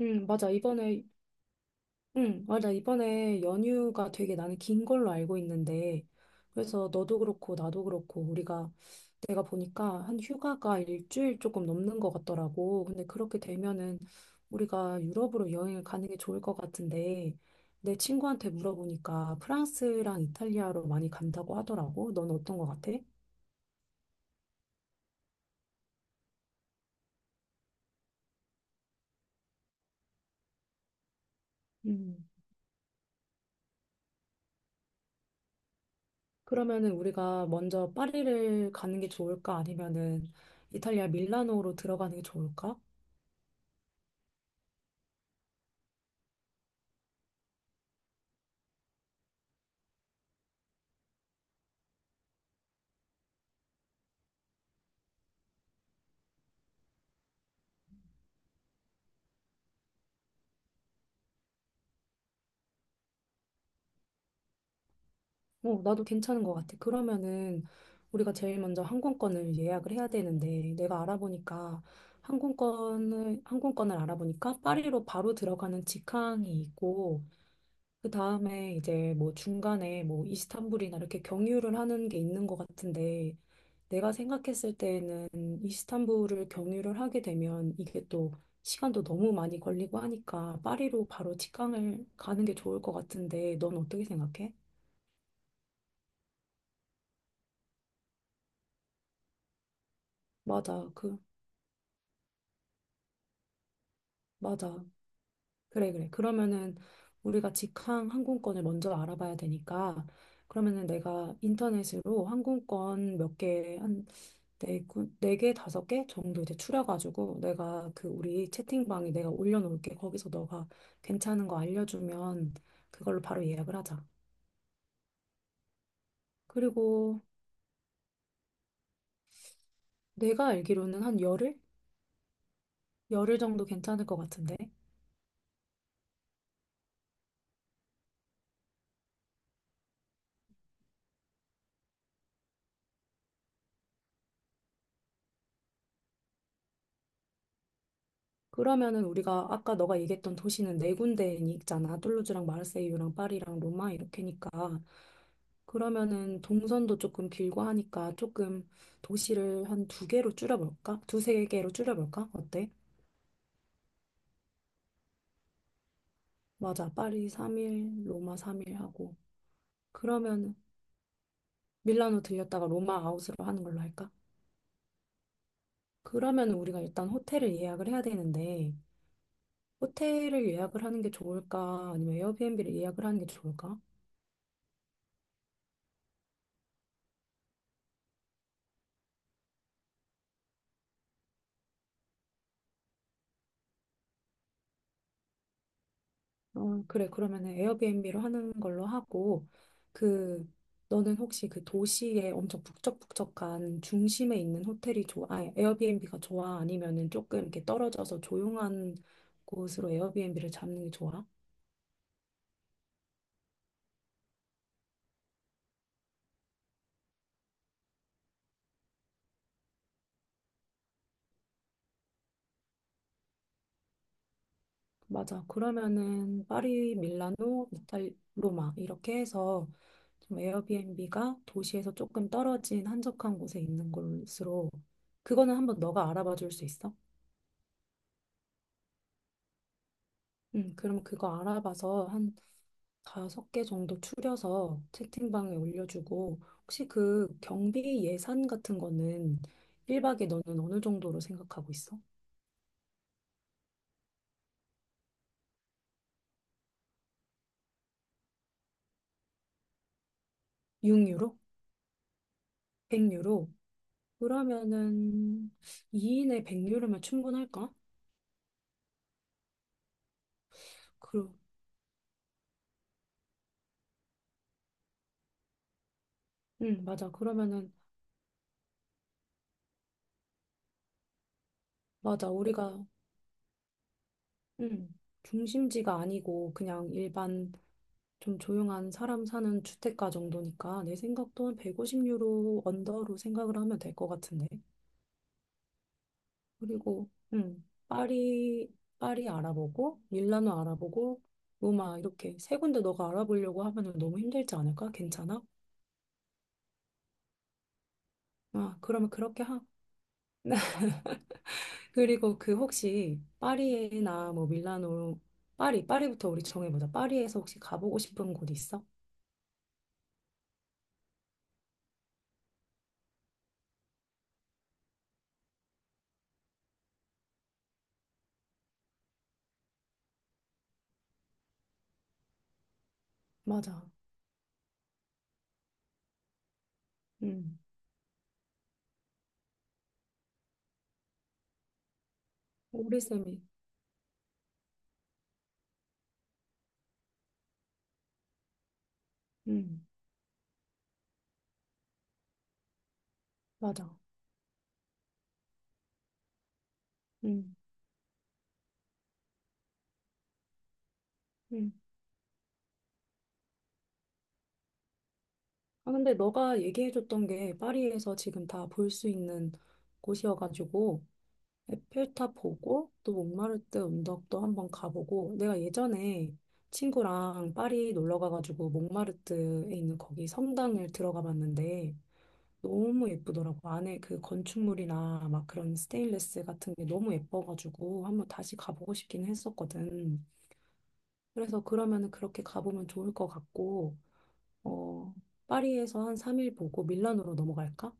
응, 맞아. 응, 맞아. 이번에 연휴가 되게 나는 긴 걸로 알고 있는데, 그래서 너도 그렇고, 나도 그렇고, 내가 보니까 한 휴가가 일주일 조금 넘는 것 같더라고. 근데 그렇게 되면은 우리가 유럽으로 여행을 가는 게 좋을 것 같은데, 내 친구한테 물어보니까 프랑스랑 이탈리아로 많이 간다고 하더라고. 넌 어떤 것 같아? 음. 그러면은 우리가 먼저 파리를 가는 게 좋을까? 아니면은 이탈리아 밀라노로 들어가는 게 좋을까? 어, 나도 괜찮은 것 같아. 그러면은 우리가 제일 먼저 항공권을 예약을 해야 되는데 내가 알아보니까 항공권을 알아보니까 파리로 바로 들어가는 직항이 있고 그 다음에 이제 뭐 중간에 뭐 이스탄불이나 이렇게 경유를 하는 게 있는 것 같은데 내가 생각했을 때는 이스탄불을 경유를 하게 되면 이게 또 시간도 너무 많이 걸리고 하니까 파리로 바로 직항을 가는 게 좋을 것 같은데 넌 어떻게 생각해? 맞아. 맞아. 그래, 그래. 그러면은 우리가 직항 항공권을 먼저 알아봐야 되니까 그러면은 내가 인터넷으로 항공권 몇 개, 한 네 개, 다섯 개 정도 이제 추려가지고 내가 그 우리 채팅방에 내가 올려놓을게. 거기서 너가 괜찮은 거 알려주면 그걸로 바로 예약을 하자. 그리고 내가 알기로는 한 열흘? 열흘 정도 괜찮을 것 같은데. 그러면은 우리가 아까 너가 얘기했던 도시는 네 군데 있잖아. 툴루즈랑 마르세유랑 파리랑 로마 이렇게니까. 그러면은 동선도 조금 길고 하니까 조금 도시를 한 두 개로 줄여볼까? 두 세 개로 줄여볼까? 어때? 맞아. 파리 3일, 로마 3일 하고. 그러면 밀라노 들렸다가 로마 아웃으로 하는 걸로 할까? 그러면 우리가 일단 호텔을 예약을 해야 되는데, 호텔을 예약을 하는 게 좋을까? 아니면 에어비앤비를 예약을 하는 게 좋을까? 어, 그래. 그러면은 에어비앤비로 하는 걸로 하고, 그, 너는 혹시 그 도시에 엄청 북적북적한 중심에 있는 호텔이 좋아, 아니, 에어비앤비가 좋아? 아니면은 조금 이렇게 떨어져서 조용한 곳으로 에어비앤비를 잡는 게 좋아? 맞아. 그러면은 파리, 밀라노, 로마 이렇게 해서 좀 에어비앤비가 도시에서 조금 떨어진 한적한 곳에 있는 곳으로 그거는 한번 너가 알아봐 줄 수 있어? 그럼 그거 알아봐서 한 다섯 개 정도 추려서 채팅방에 올려주고, 혹시 그 경비 예산 같은 거는 1박에 너는 어느 정도로 생각하고 있어? 6유로? 100유로? 그러면은 2인에 100유로면 충분할까? 그, 응, 맞아. 그러면은, 맞아. 응, 중심지가 아니고 그냥 일반 좀 조용한 사람 사는 주택가 정도니까 내 생각도 한 150유로 언더로 생각을 하면 될 것 같은데. 그리고 파리 알아보고 밀라노 알아보고 로마 이렇게 세 군데 너가 알아보려고 하면 너무 힘들지 않을까? 괜찮아? 아, 그러면 그렇게 하. 그리고 혹시 파리에나 뭐 밀라노 파리부터 우리 정해보자. 파리에서 혹시 가보고 싶은 곳 있어? 맞아. 음. 우리 쌤이. 음. 맞아. 음. 음. 아, 근데 너가 얘기해줬던 게 파리에서 지금 다 볼 수 있는 곳이어가지고 에펠탑 보고 또 몽마르트 언덕도 한번 가보고 내가 예전에 친구랑 파리 놀러 가가지고 몽마르트에 있는 거기 성당을 들어가 봤는데 너무 예쁘더라고. 안에 그 건축물이나 막 그런 스테인레스 같은 게 너무 예뻐가지고 한번 다시 가보고 싶긴 했었거든. 그래서 그러면은 그렇게 가보면 좋을 것 같고 어, 파리에서 한 3일 보고 밀라노로 넘어갈까?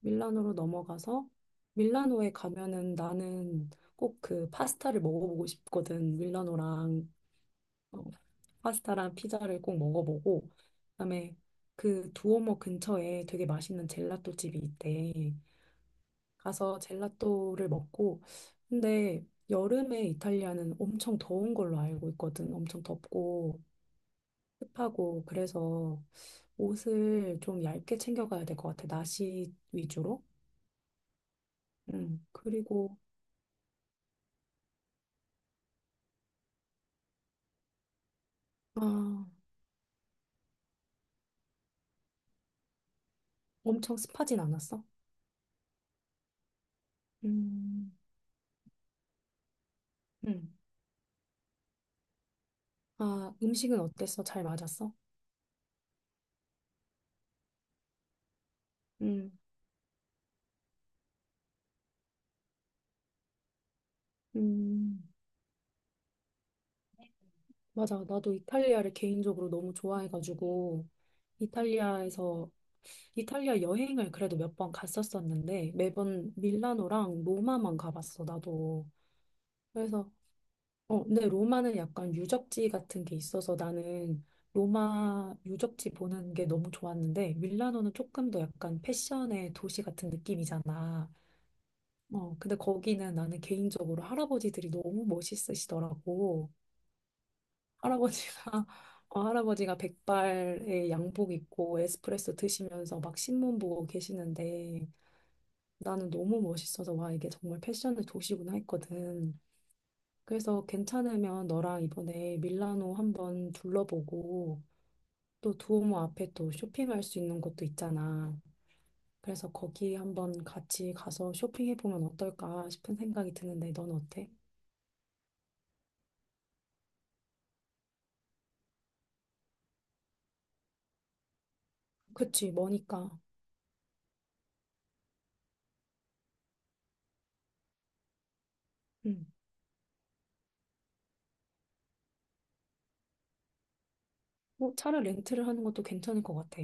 밀라노로 넘어가서 밀라노에 가면은 나는 꼭 그 파스타를 먹어보고 싶거든. 어, 파스타랑 피자를 꼭 먹어보고 그다음에 그 두오모 근처에 되게 맛있는 젤라또 집이 있대. 가서 젤라또를 먹고 근데 여름에 이탈리아는 엄청 더운 걸로 알고 있거든. 엄청 덥고 습하고 그래서 옷을 좀 얇게 챙겨가야 될 것 같아. 나시 위주로. 음. 그리고 아, 엄청 습하진 않았어. 음. 음. 아, 음식은 어땠어? 잘 맞았어? 음. 음. 맞아. 나도 이탈리아를 개인적으로 너무 좋아해가지고 이탈리아에서 이탈리아 여행을 그래도 몇 번 갔었었는데 매번 밀라노랑 로마만 가봤어. 나도. 그래서 근데 로마는 약간 유적지 같은 게 있어서 나는 로마 유적지 보는 게 너무 좋았는데 밀라노는 조금 더 약간 패션의 도시 같은 느낌이잖아. 어, 근데 거기는 나는 개인적으로 할아버지들이 너무 멋있으시더라고. 할아버지가 할아버지가 백발에 양복 입고 에스프레소 드시면서 막 신문 보고 계시는데 나는 너무 멋있어서 와 이게 정말 패션의 도시구나 했거든. 그래서 괜찮으면 너랑 이번에 밀라노 한번 둘러보고 또 두오모 앞에 또 쇼핑할 수 있는 곳도 있잖아. 그래서 거기 한번 같이 가서 쇼핑해보면 어떨까 싶은 생각이 드는데 넌 어때? 그치, 머니까. 응. 뭐 차를 렌트를 하는 것도 괜찮을 것 같아.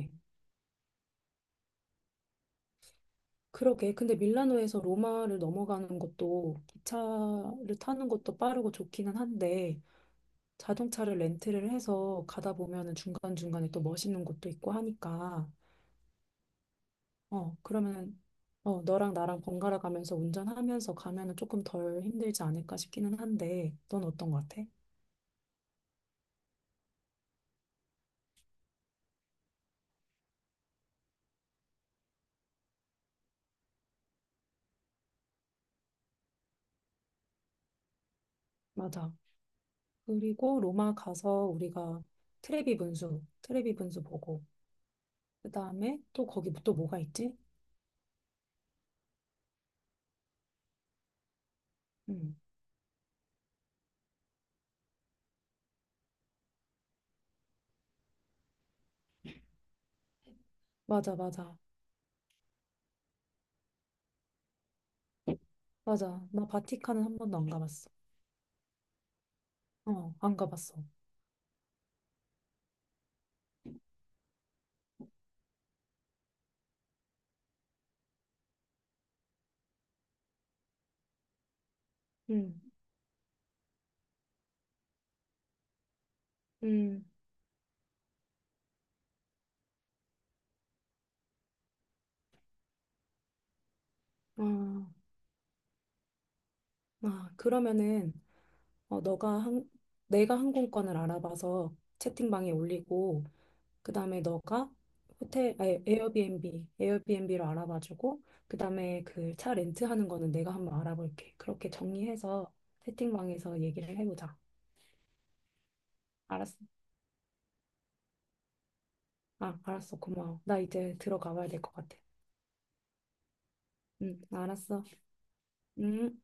그러게. 근데 밀라노에서 로마를 넘어가는 것도 기차를 타는 것도 빠르고 좋기는 한데 자동차를 렌트를 해서 가다 보면은 중간중간에 또 멋있는 곳도 있고 하니까 그러면 너랑 나랑 번갈아 가면서 운전하면서 가면은 조금 덜 힘들지 않을까 싶기는 한데, 넌 어떤 것 같아? 맞아. 그리고 로마 가서 우리가 트레비 분수 보고, 그 다음에 또 거기 또 뭐가 있지? 음, 맞아, 맞아, 맞아. 나 바티칸은 한 번도 안 가봤어. 어, 안 가봤어. 음, 음, 아, 그러면은 어, 너가 한, 내가 항공권을 알아봐서 채팅방에 올리고. 그다음에 너가 호텔 아니, 에어비앤비로 알아봐주고 그다음에 그 차 렌트하는 거는 내가 한번 알아볼게. 그렇게 정리해서 채팅방에서 얘기를 해보자. 알았어. 아, 알았어. 고마워. 나 이제 들어가봐야 될 것 같아. 응, 알았어. 응.